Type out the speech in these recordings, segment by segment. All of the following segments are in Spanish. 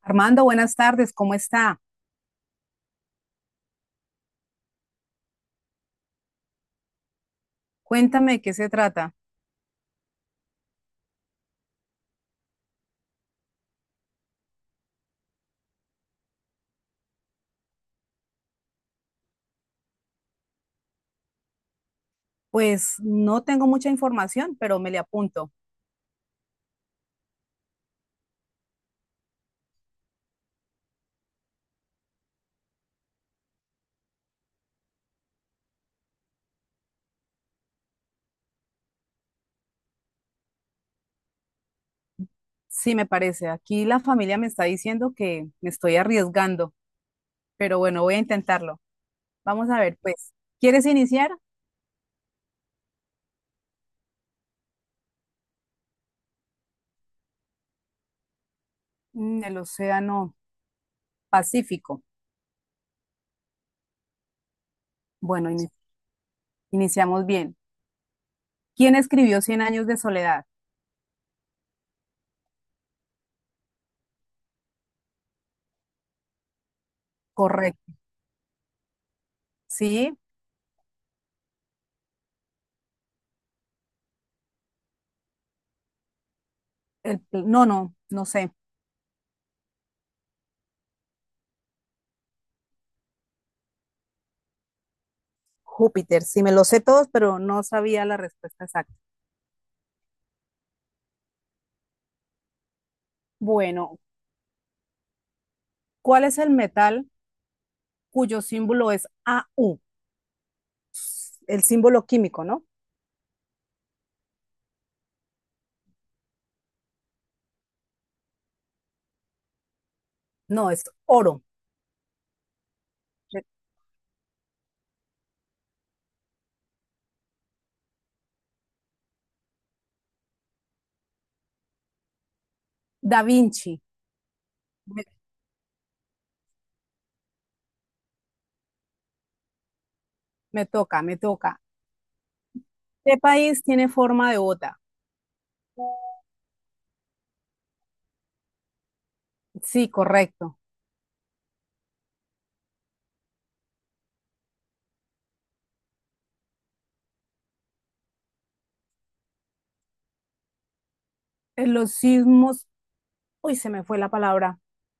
Armando, buenas tardes, ¿cómo está? Cuéntame de qué se trata. Pues no tengo mucha información, pero me le apunto. Sí, me parece. Aquí la familia me está diciendo que me estoy arriesgando, pero bueno, voy a intentarlo. Vamos a ver, pues, ¿quieres iniciar? El Océano Pacífico. Bueno, iniciamos bien. ¿Quién escribió Cien años de soledad? Correcto. Sí, no, no, no sé. Júpiter, sí me lo sé todos, pero no sabía la respuesta exacta. Bueno, ¿cuál es el metal cuyo símbolo es AU, el símbolo químico, ¿no? No, es oro. Da Vinci. Me, me toca, me toca. ¿Qué país tiene forma de bota? Sí, correcto. En los sismos, uy, se me fue la palabra,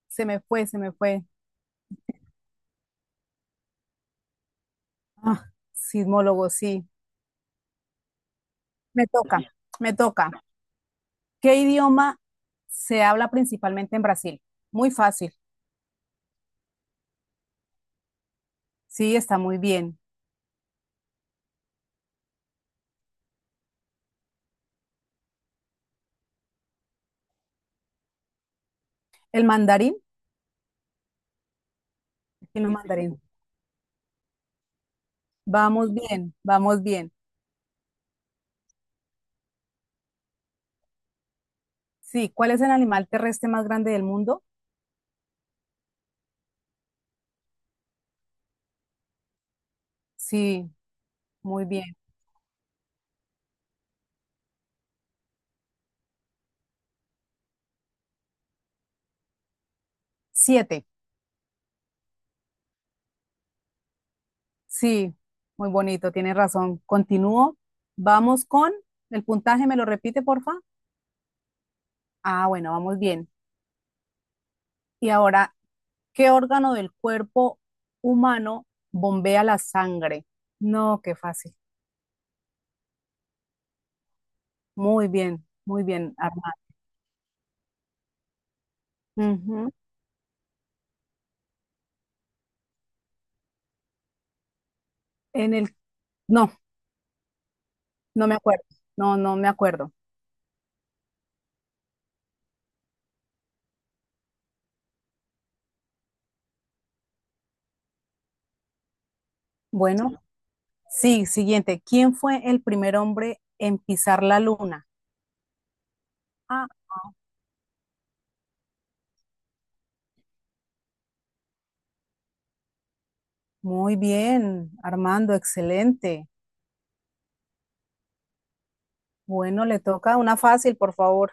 se me fue, se me fue. Ah, sismólogo, sí, me toca, me toca. ¿Qué idioma se habla principalmente en Brasil? Muy fácil, sí, está muy bien. ¿El mandarín? Sí, no, mandarín. Vamos bien, vamos bien. Sí, ¿cuál es el animal terrestre más grande del mundo? Sí, muy bien. Siete. Sí, muy bonito, tienes razón. Continúo. Vamos con el puntaje, ¿me lo repite, porfa? Ah, bueno, vamos bien. Y ahora, ¿qué órgano del cuerpo humano bombea la sangre? No, qué fácil. Muy bien, Armando. Ujú. En el... No, no me acuerdo. No, no me acuerdo. Bueno, sí, siguiente. ¿Quién fue el primer hombre en pisar la luna? Ah, muy bien, Armando, excelente. Bueno, le toca una fácil, por favor.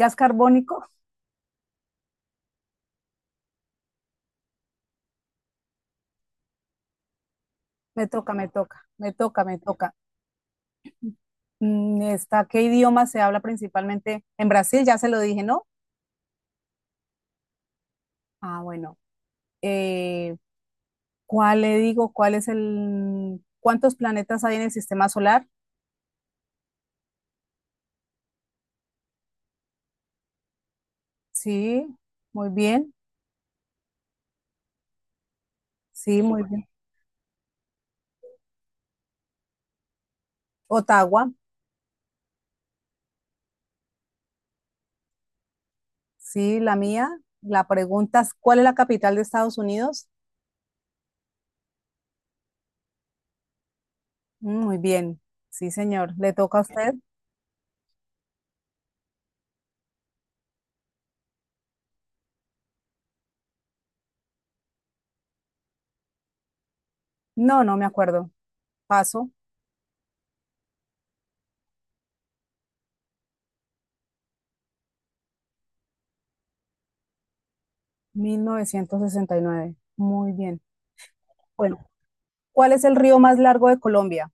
Gas carbónico, me toca, me toca, me toca, me toca. ¿Qué idioma se habla principalmente en Brasil? Ya se lo dije, ¿no? Ah, bueno. Eh, ¿Cuál le digo? ¿Cuántos planetas hay en el sistema solar? Sí, muy bien, sí, muy bien. Ottawa, sí, la mía. La pregunta es, ¿cuál es la capital de Estados Unidos? Muy bien, sí, señor. ¿Le toca a usted? No, no me acuerdo. Paso, 1969. Muy bien. Bueno, ¿cuál es el río más largo de Colombia?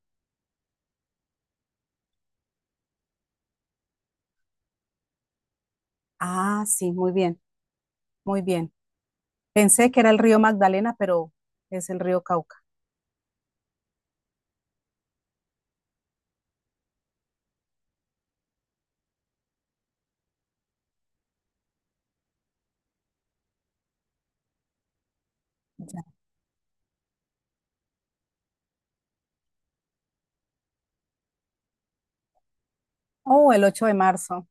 Ah, sí, muy bien, muy bien. Pensé que era el río Magdalena, pero es el río Cauca. Ya. Oh, el 8 de marzo.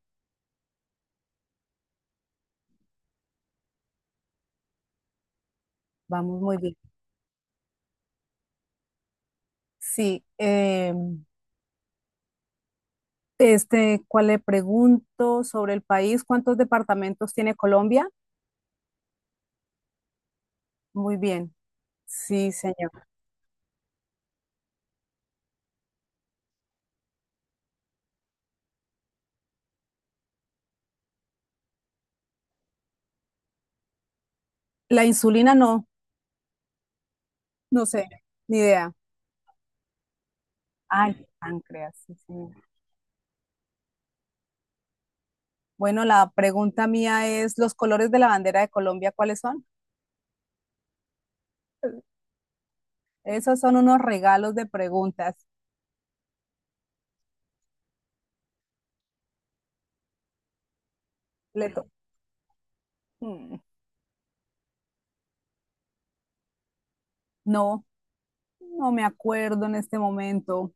Vamos muy bien. Sí, este, ¿cuál le pregunto sobre el país? ¿Cuántos departamentos tiene Colombia? Muy bien. Sí, señor. La insulina no, no sé, ni idea. Ah, el páncreas, sí, señor. Bueno, la pregunta mía es, ¿los colores de la bandera de Colombia cuáles son? Esos son unos regalos de preguntas. Le to- Mm, No, no me acuerdo en este momento.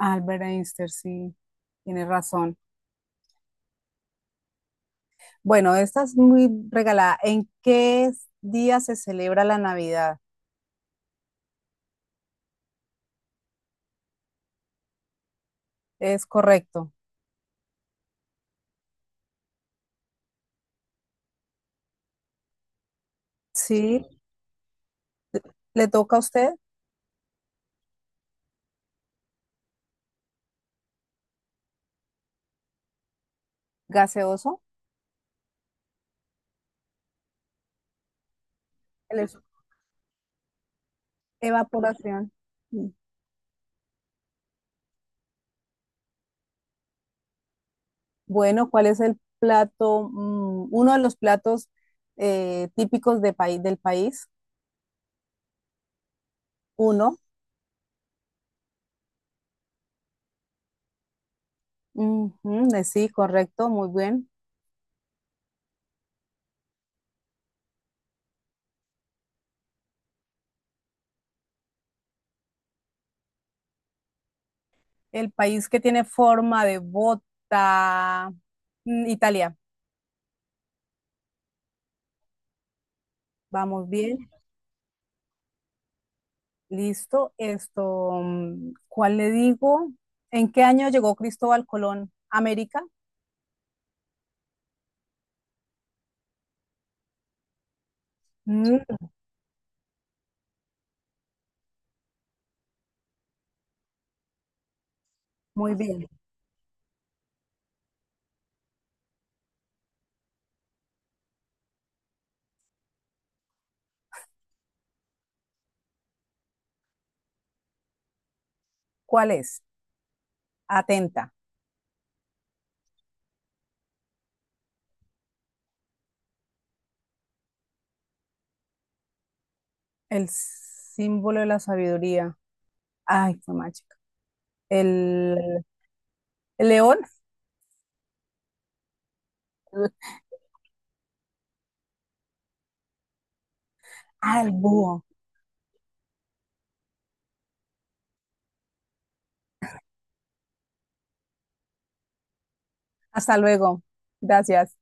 Albert Einstein, sí, tiene razón. Bueno, esta es muy regalada. ¿En qué día se celebra la Navidad? Es correcto. Sí, le toca a usted, gaseoso, ele- evaporación. Mm. Bueno, ¿cuál es el plato, uno de los platos típicos de del país? Uno. Ujú, sí, correcto, muy bien. El país que tiene forma de bota, Italia. Vamos bien, listo. Esto, ¿cuál le digo? ¿En qué año llegó Cristóbal Colón a América? Mm, Muy bien. ¿Cuál es? Atenta. El símbolo de la sabiduría. Ay, qué macho. El El león. Ah, el búho. Hasta luego. Gracias.